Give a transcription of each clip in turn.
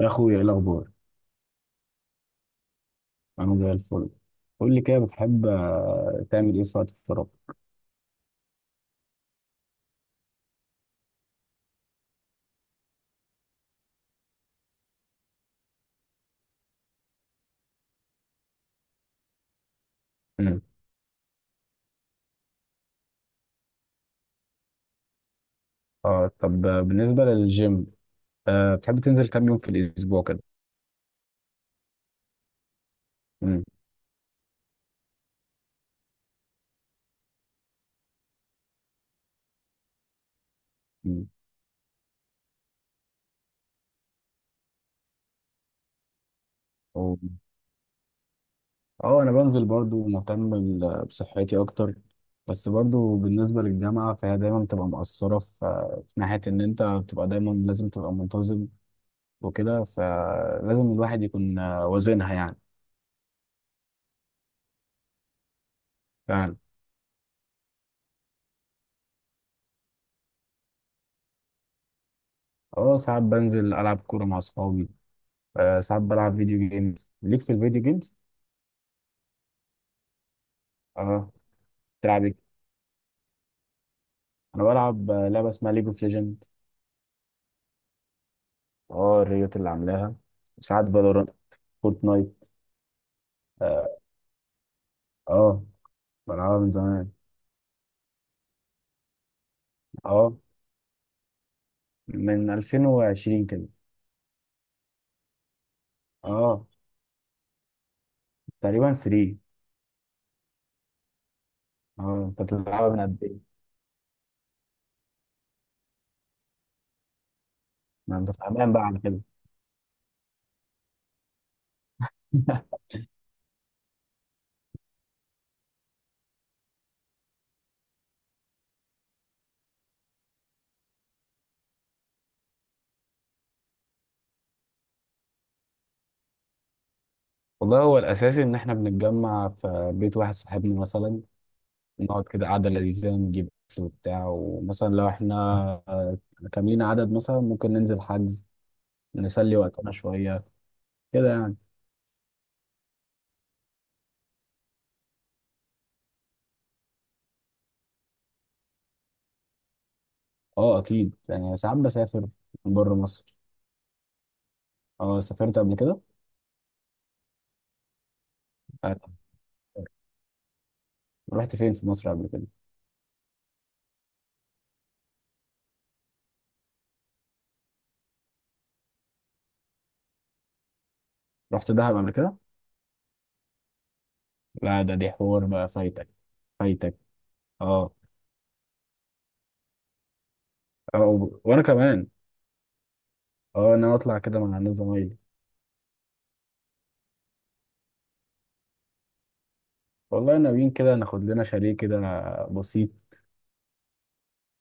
يا اخويا، ايه الاخبار؟ انا زي الفل. قول لي كده، بتحب تعمل ايه في وقت الفراغ؟ امم. اه، طب بالنسبه للجيم، آه بتحب تنزل كام يوم في الاسبوع كده؟ امم. أمم. أو- اه انا بنزل، برضو مهتم بصحتي اكتر. بس برضو بالنسبه للجامعه فهي دايما بتبقى مقصره في ناحيه ان انت بتبقى دايما لازم تبقى منتظم وكده، فلازم الواحد يكون وازنها يعني. فعلا. اه ساعات بنزل العب كوره مع اصحابي. آه ساعات بلعب فيديو جيمز. ليك في الفيديو جيمز. اه. بتلعب ايه؟ انا بلعب لعبه اسمها ليج اوف ليجند. اه، الريوت اللي عاملاها. وساعات فالورانت. فورتنايت. اه. آه، بلعبها من زمان. اه، من 2020 كده. اه، تقريبا 3. اه، انت بتلعبها من قد ايه؟ ما انت فاهمان بقى على كده. والله هو الاساسي ان احنا بنتجمع في بيت واحد صاحبنا مثلا. نقعد كده قعده لذيذه، نجيب اكل وبتاع، ومثلا لو احنا آه، كاملين عدد مثلا ممكن ننزل حجز نسلي وقتنا شوية، كده يعني. اه، اكيد يعني ساعات بسافر بره مصر. اه، سافرت قبل كده. آه، رحت فين في مصر قبل كده؟ رحت دهب قبل كده. لا، ده دي حوار بقى فايتك. فايتك. اه. اه وانا كمان. اه، انا اطلع كده مع الناس زمايلي. والله ناويين كده ناخد لنا شاليه كده بسيط،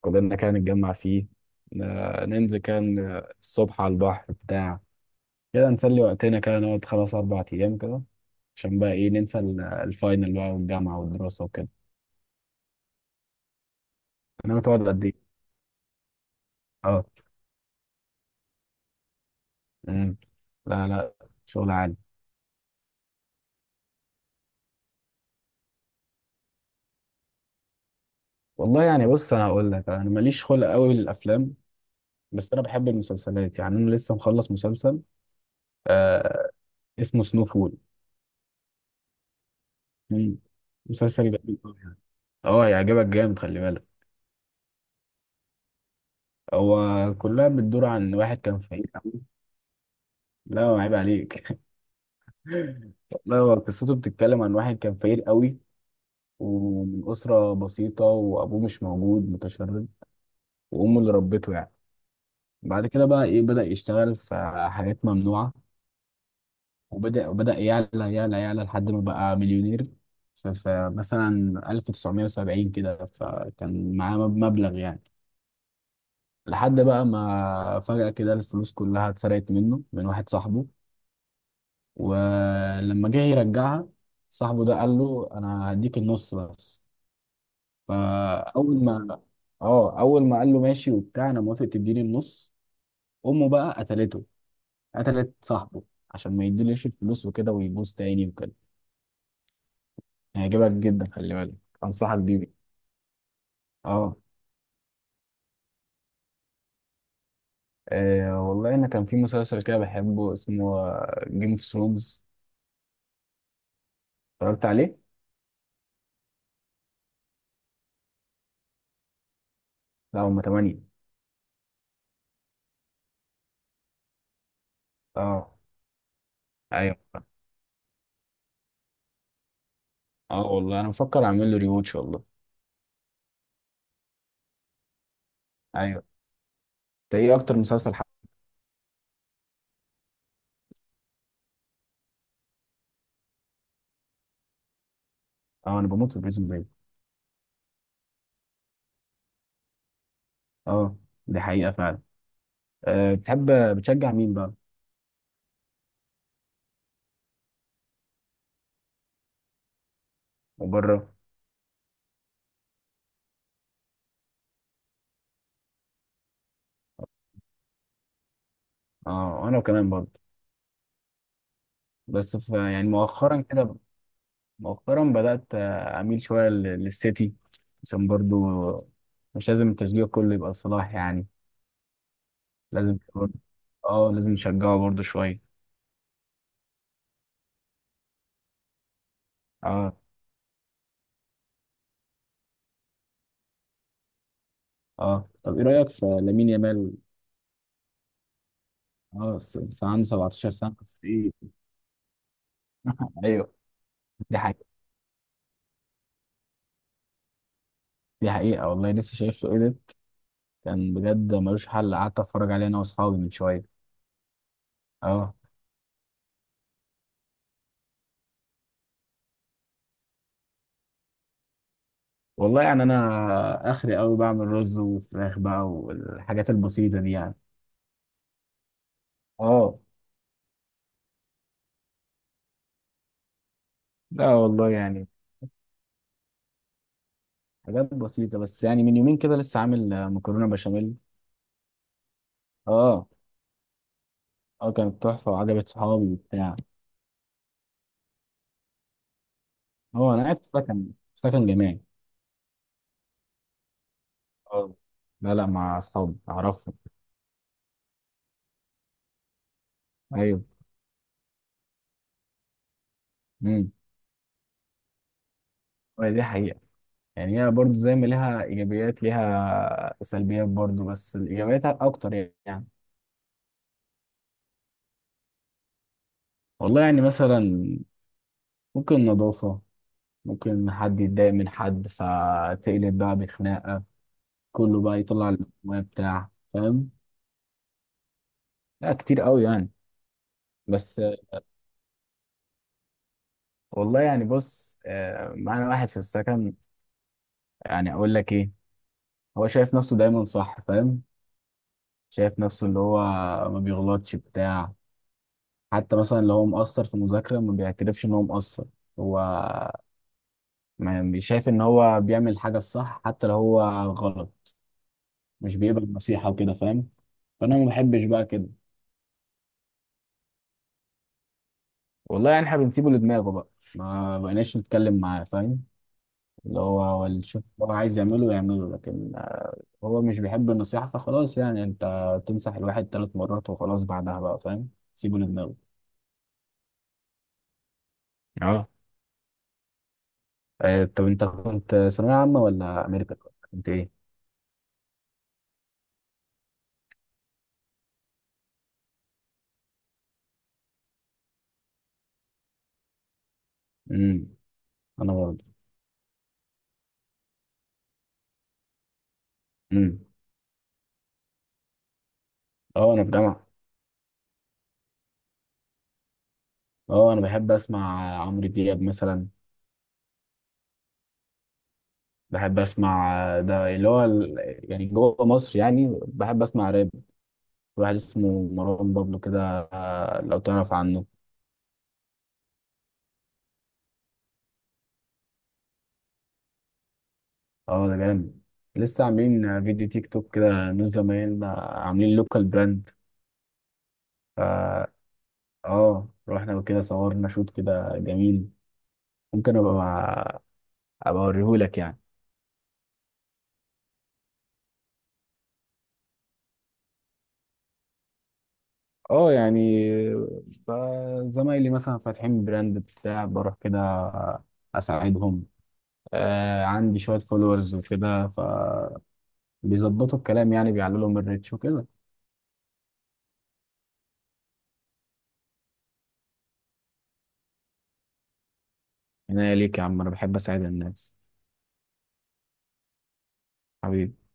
كلنا كده نتجمع فيه. ننزل كان الصبح على البحر بتاع كده نسلي وقتنا، كده نقعد خلاص 4 أيام كده، عشان بقى إيه ننسى الفاينل بقى والجامعة والدراسة وكده. أنا بتقعد قد إيه؟ أه. مم. لا لا، شغل عالي. والله يعني بص، أنا هقول لك أنا ماليش خلق قوي للأفلام. بس أنا بحب المسلسلات، يعني أنا لسه مخلص مسلسل آه اسمه سنو فول. مم. مسلسل جميل أوي يعني. أه، يعجبك جامد خلي بالك. هو كلها بتدور عن واحد كان فقير. لا، عيب عليك. والله هو قصته بتتكلم عن واحد كان فقير قوي، ومن أسرة بسيطة، وأبوه مش موجود متشرد، وأمه اللي ربته يعني. بعد كده بقى إيه بدأ يشتغل في حاجات ممنوعة، وبدأ يعلى يعلى يعلى لحد ما بقى مليونير. فمثلا 1970 كده فكان معاه مبلغ يعني. لحد بقى ما فجأة كده الفلوس كلها اتسرقت منه من واحد صاحبه. ولما جه يرجعها صاحبه، ده قال له أنا هديك النص بس. فاول ما اه، اول ما قال له ماشي وبتاع انا موافق تديني النص، امه بقى قتلته. قتلت صاحبه عشان ما يديليش الفلوس وكده ويبوظ تاني وكده. هيعجبك جدا، خلي بالك. انصحك بيه. اه. والله انا كان في مسلسل كده بحبه اسمه جيم اوف ثرونز. اتفرجت عليه. لا، هما 8. اه. ايوه. اه، والله انا بفكر اعمل له ريواتش والله. ايوه. انت ايه اكتر مسلسل اه، انا بموت في بريزون بريك. اه، دي حقيقة فعلا. أه بتحب، بتشجع مين بقى؟ وبره؟ اه، انا كمان برضه. بس في يعني مؤخرا بدأت اميل شوية للسيتي. عشان برضه مش لازم التشجيع كله يبقى صلاح يعني. لازم برضه- اه لازم نشجعه برضه شوية. اه. اه، طب ايه رأيك في لامين يامال؟ اه، عنده 17 سنة بس ايه. ايوه، دي حقيقة. دي حقيقة والله، لسه شايف له ايه ده. كان بجد ملوش حل، قعدت اتفرج عليه انا واصحابي من شوية. اه. والله يعني انا اخري قوي بعمل رز وفراخ بقى، والحاجات البسيطه دي يعني. اه. لا والله يعني حاجات بسيطه بس، يعني من يومين كده لسه عامل مكرونه بشاميل. اه. اه، كانت تحفه وعجبت صحابي وبتاع. اه، انا قاعد في سكن، في سكن جامعي. اه. لا لا، مع اصحابي، اعرفهم. ايوه. امم. دي حقيقه، يعني هي برضو زي ما ليها ايجابيات ليها سلبيات برضو، بس الايجابيات اكتر يعني. والله يعني مثلا ممكن نظافه، ممكن حد يتضايق من حد فتقلب بقى بخناقة، كله بقى يطلع المويه بتاع، فاهم. لا، كتير قوي يعني. بس والله يعني بص معانا واحد في السكن. يعني اقول لك ايه، هو شايف نفسه دايما صح، فاهم. شايف نفسه اللي هو ما بيغلطش بتاع. حتى مثلا لو هو مقصر في مذاكرة ما بيعترفش ان هو مقصر. هو ما بي- شايف ان هو بيعمل حاجة الصح حتى لو هو غلط. مش بيقبل النصيحة وكده، فاهم. فانا ما بحبش بقى كده. والله يعني احنا بنسيبه لدماغه بقى، ما بقيناش نتكلم معاه، فاهم. اللي هو هو اللي شوف هو عايز يعمله يعمله، لكن هو مش بيحب النصيحة، فخلاص يعني. انت تمسح الواحد 3 مرات وخلاص، بعدها بقى فاهم سيبه لدماغه. اه. طب انت كنت ثانوية عامة ولا امريكا؟ كنت ايه؟ امم. انا برضه. امم. اه، انا في جامعة. اه، انا بحب اسمع عمرو دياب مثلا. بحب اسمع، ده اللي هو يعني جوه مصر يعني بحب اسمع راب، واحد اسمه مروان بابلو كده لو تعرف عنه. اه، ده جامد. لسه عاملين فيديو تيك توك كده، نور زمايلنا عاملين لوكال براند. فا اه، رحنا كده صورنا شوت كده جميل. ممكن ابقى اوريهولك يعني. اه يعني ف- زمايلي مثلا فاتحين براند بتاع، بروح كده اساعدهم. آه عندي شوية فولورز وكده، فبيظبطوا الكلام يعني، بيعلوا لهم الريتش وكده. هنا ليك يا عم، انا بحب اساعد الناس. حبيبي.